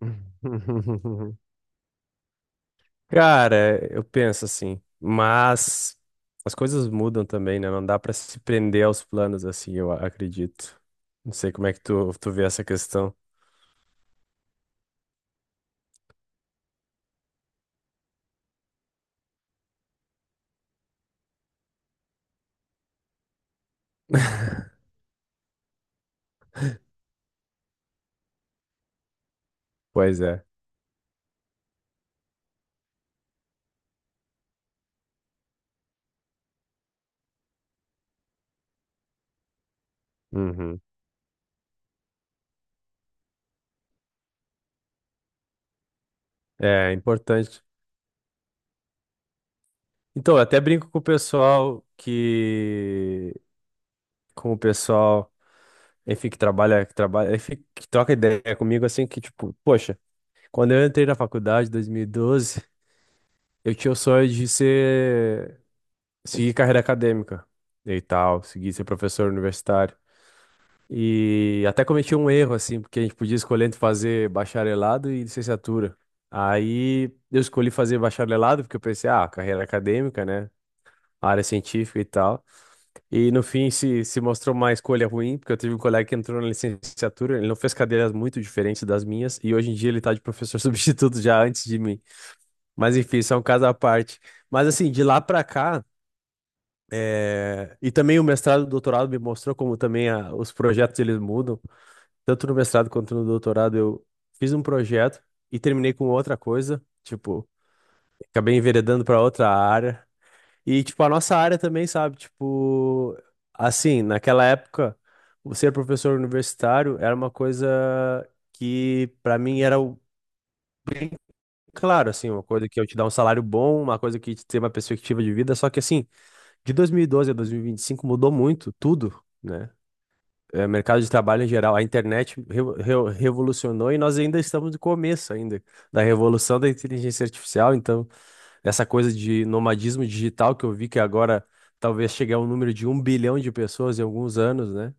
Cara, eu penso assim, mas as coisas mudam também, né? Não dá pra se prender aos planos assim, eu acredito. Não sei como é que tu vê essa questão. Pois é. Uhum. É importante. Então, eu até brinco com o pessoal que. Com o pessoal, enfim, que trabalha, enfim, que troca ideia comigo, assim, que tipo, poxa, quando eu entrei na faculdade em 2012 eu tinha o sonho de ser. Segui carreira acadêmica e tal, segui ser professor universitário. E até cometi um erro, assim, porque a gente podia escolher entre fazer bacharelado e licenciatura. Aí eu escolhi fazer bacharelado, porque eu pensei, ah, carreira acadêmica, né? Área científica e tal. E no fim se mostrou uma escolha ruim, porque eu tive um colega que entrou na licenciatura, ele não fez cadeiras muito diferentes das minhas, e hoje em dia ele tá de professor substituto já antes de mim. Mas enfim, isso é um caso à parte. Mas assim, de lá pra cá. É, e também o mestrado e o doutorado me mostrou como também os projetos eles mudam. Tanto no mestrado quanto no doutorado eu fiz um projeto e terminei com outra coisa, tipo, acabei enveredando para outra área. E tipo a nossa área também, sabe, tipo, assim, naquela época, o ser professor universitário era uma coisa que para mim era o. Claro, assim, uma coisa que eu te dar um salário bom, uma coisa que te ter uma perspectiva de vida, só que assim, de 2012 a 2025 mudou muito tudo, né? Mercado de trabalho em geral, a internet revolucionou e nós ainda estamos no começo ainda da revolução da inteligência artificial. Então, essa coisa de nomadismo digital que eu vi que agora talvez chegue ao número de 1 bilhão de pessoas em alguns anos, né?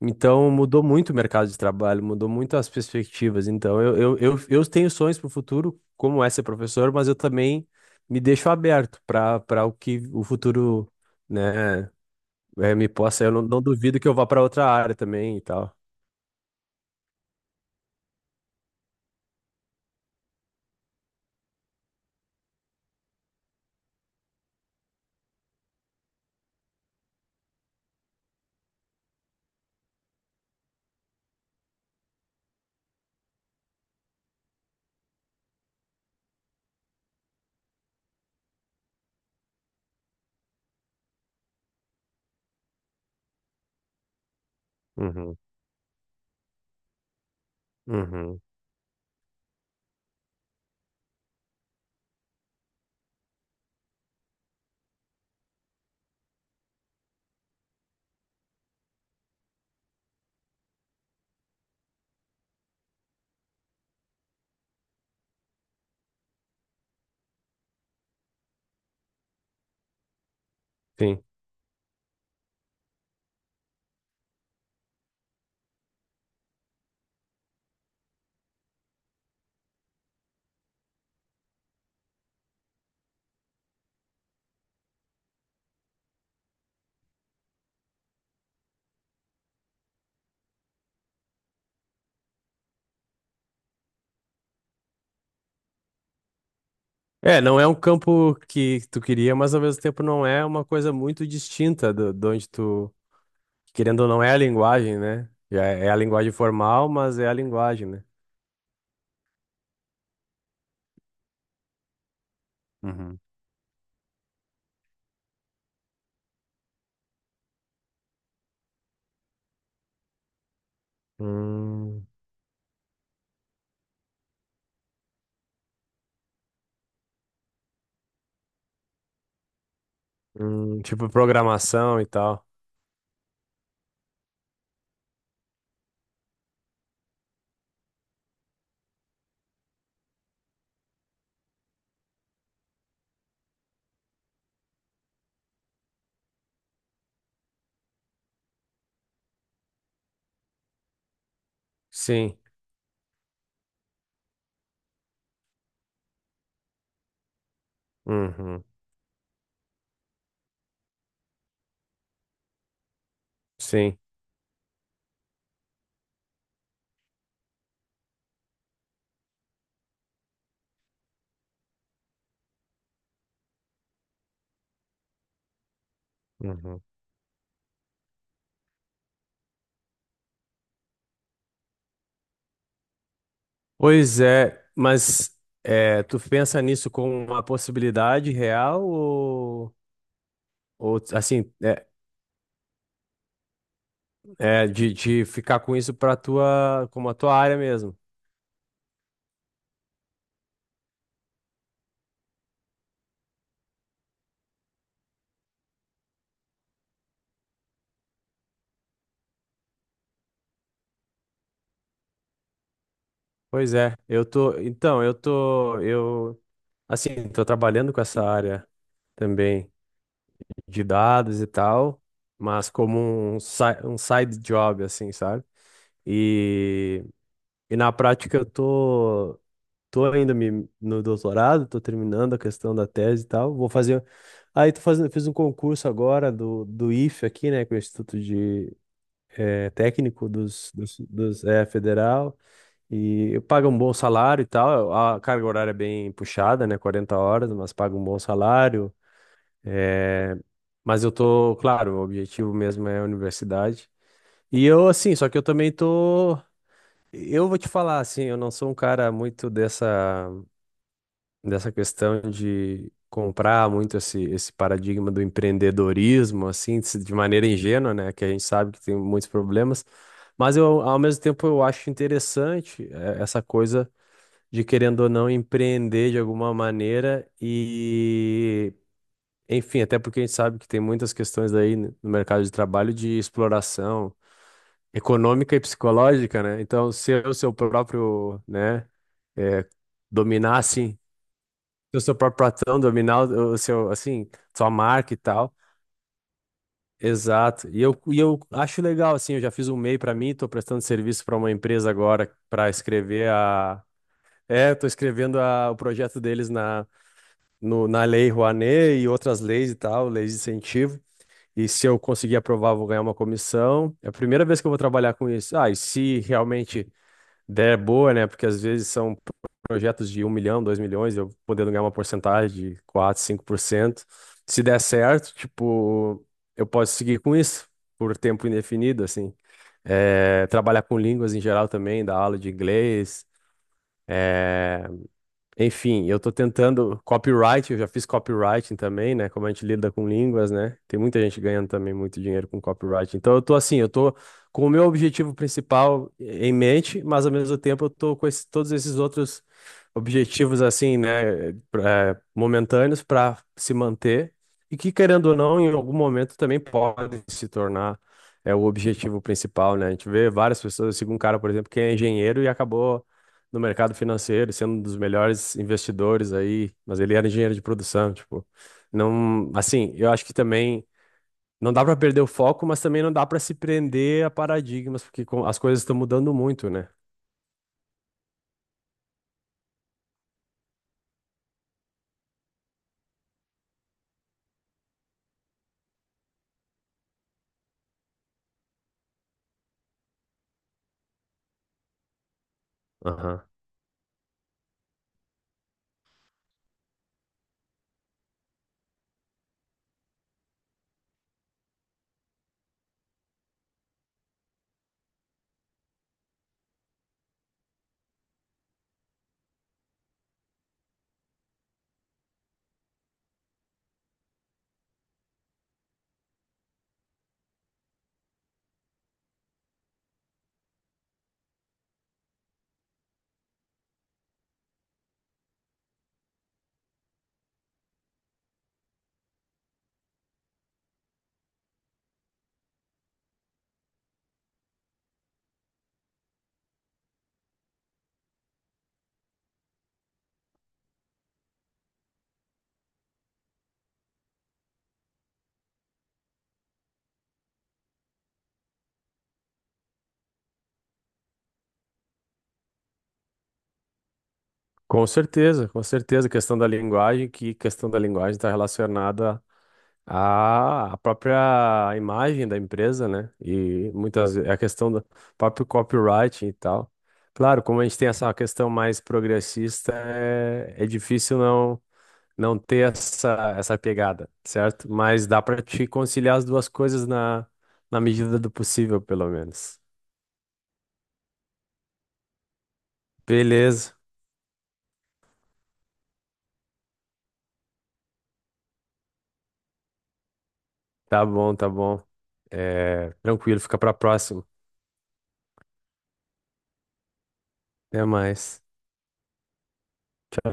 Então, mudou muito o mercado de trabalho, mudou muito as perspectivas. Então, eu tenho sonhos para o futuro, como é ser professor, mas eu também me deixo aberto para o que o futuro, né? É, me possa, eu não duvido que eu vá para outra área também e tal. Uhum, uhum, sim. É, não é um campo que tu queria, mas ao mesmo tempo não é uma coisa muito distinta do, de onde tu, querendo ou não, é a linguagem, né? Já é a linguagem formal, mas é a linguagem, né? Uhum. Hum, hum. Tipo programação e tal. Sim. Uhum. Sim. Uhum. Pois é, mas é, tu pensa nisso como uma possibilidade real ou assim, de ficar com isso para tua, como a tua área mesmo? Pois é, eu tô, então, eu tô, eu, assim, tô trabalhando com essa área também de dados e tal, mas como um side job, assim, sabe? E, e na prática eu tô ainda me, no doutorado, tô terminando a questão da tese e tal. Vou fazer. Aí tô fazendo, fiz um concurso agora do IFE aqui, né, que é o Instituto de Técnico dos Federal. E paga um bom salário e tal. A carga horária é bem puxada, né, 40 horas, mas paga um bom salário. Mas eu tô, claro, o objetivo mesmo é a universidade. E eu, assim, só que eu também tô. Eu vou te falar, assim, eu não sou um cara muito dessa questão de comprar muito esse paradigma do empreendedorismo, assim, de maneira ingênua, né? Que a gente sabe que tem muitos problemas, mas eu, ao mesmo tempo, eu acho interessante essa coisa de, querendo ou não, empreender de alguma maneira e, enfim, até porque a gente sabe que tem muitas questões aí no mercado de trabalho de exploração econômica e psicológica, né? Então, ser o seu próprio, né? eh, dominasse o seu próprio patrão, dominar o seu, assim, sua marca e tal. Exato. E eu acho legal, assim, eu já fiz um e-mail para mim, estou prestando serviço para uma empresa agora para escrever a. É, estou escrevendo o projeto deles na, na Lei Rouanet e outras leis e tal, leis de incentivo. E se eu conseguir aprovar, eu vou ganhar uma comissão. É a primeira vez que eu vou trabalhar com isso. Ah, e se realmente ideia é boa, né? Porque às vezes são projetos de 1 milhão, 2 milhões, eu podendo ganhar uma porcentagem de 4 5%. Se der certo, tipo, eu posso seguir com isso por tempo indefinido, assim. É, trabalhar com línguas em geral também, dar aula de inglês, enfim, eu tô tentando copyright, eu já fiz copywriting também, né? Como a gente lida com línguas, né? Tem muita gente ganhando também muito dinheiro com copyright. Então eu tô assim, eu tô com o meu objetivo principal em mente, mas ao mesmo tempo eu tô com todos esses outros objetivos assim, né, momentâneos para se manter e que querendo ou não, em algum momento também podem se tornar é o objetivo principal, né? A gente vê várias pessoas, eu sigo um cara, por exemplo, que é engenheiro e acabou no mercado financeiro, sendo um dos melhores investidores aí, mas ele era engenheiro de produção, tipo, não, assim, eu acho que também não dá para perder o foco, mas também não dá para se prender a paradigmas, porque as coisas estão mudando muito, né? Aham. Com certeza, questão da linguagem, que questão da linguagem está relacionada a própria imagem da empresa, né? E muitas vezes a questão do próprio copyright e tal. Claro, como a gente tem essa questão mais progressista, é difícil não ter essa pegada, certo? Mas dá para te conciliar as duas coisas na medida do possível, pelo menos. Beleza, tá bom, tá bom. É, tranquilo, fica para próxima. Até mais.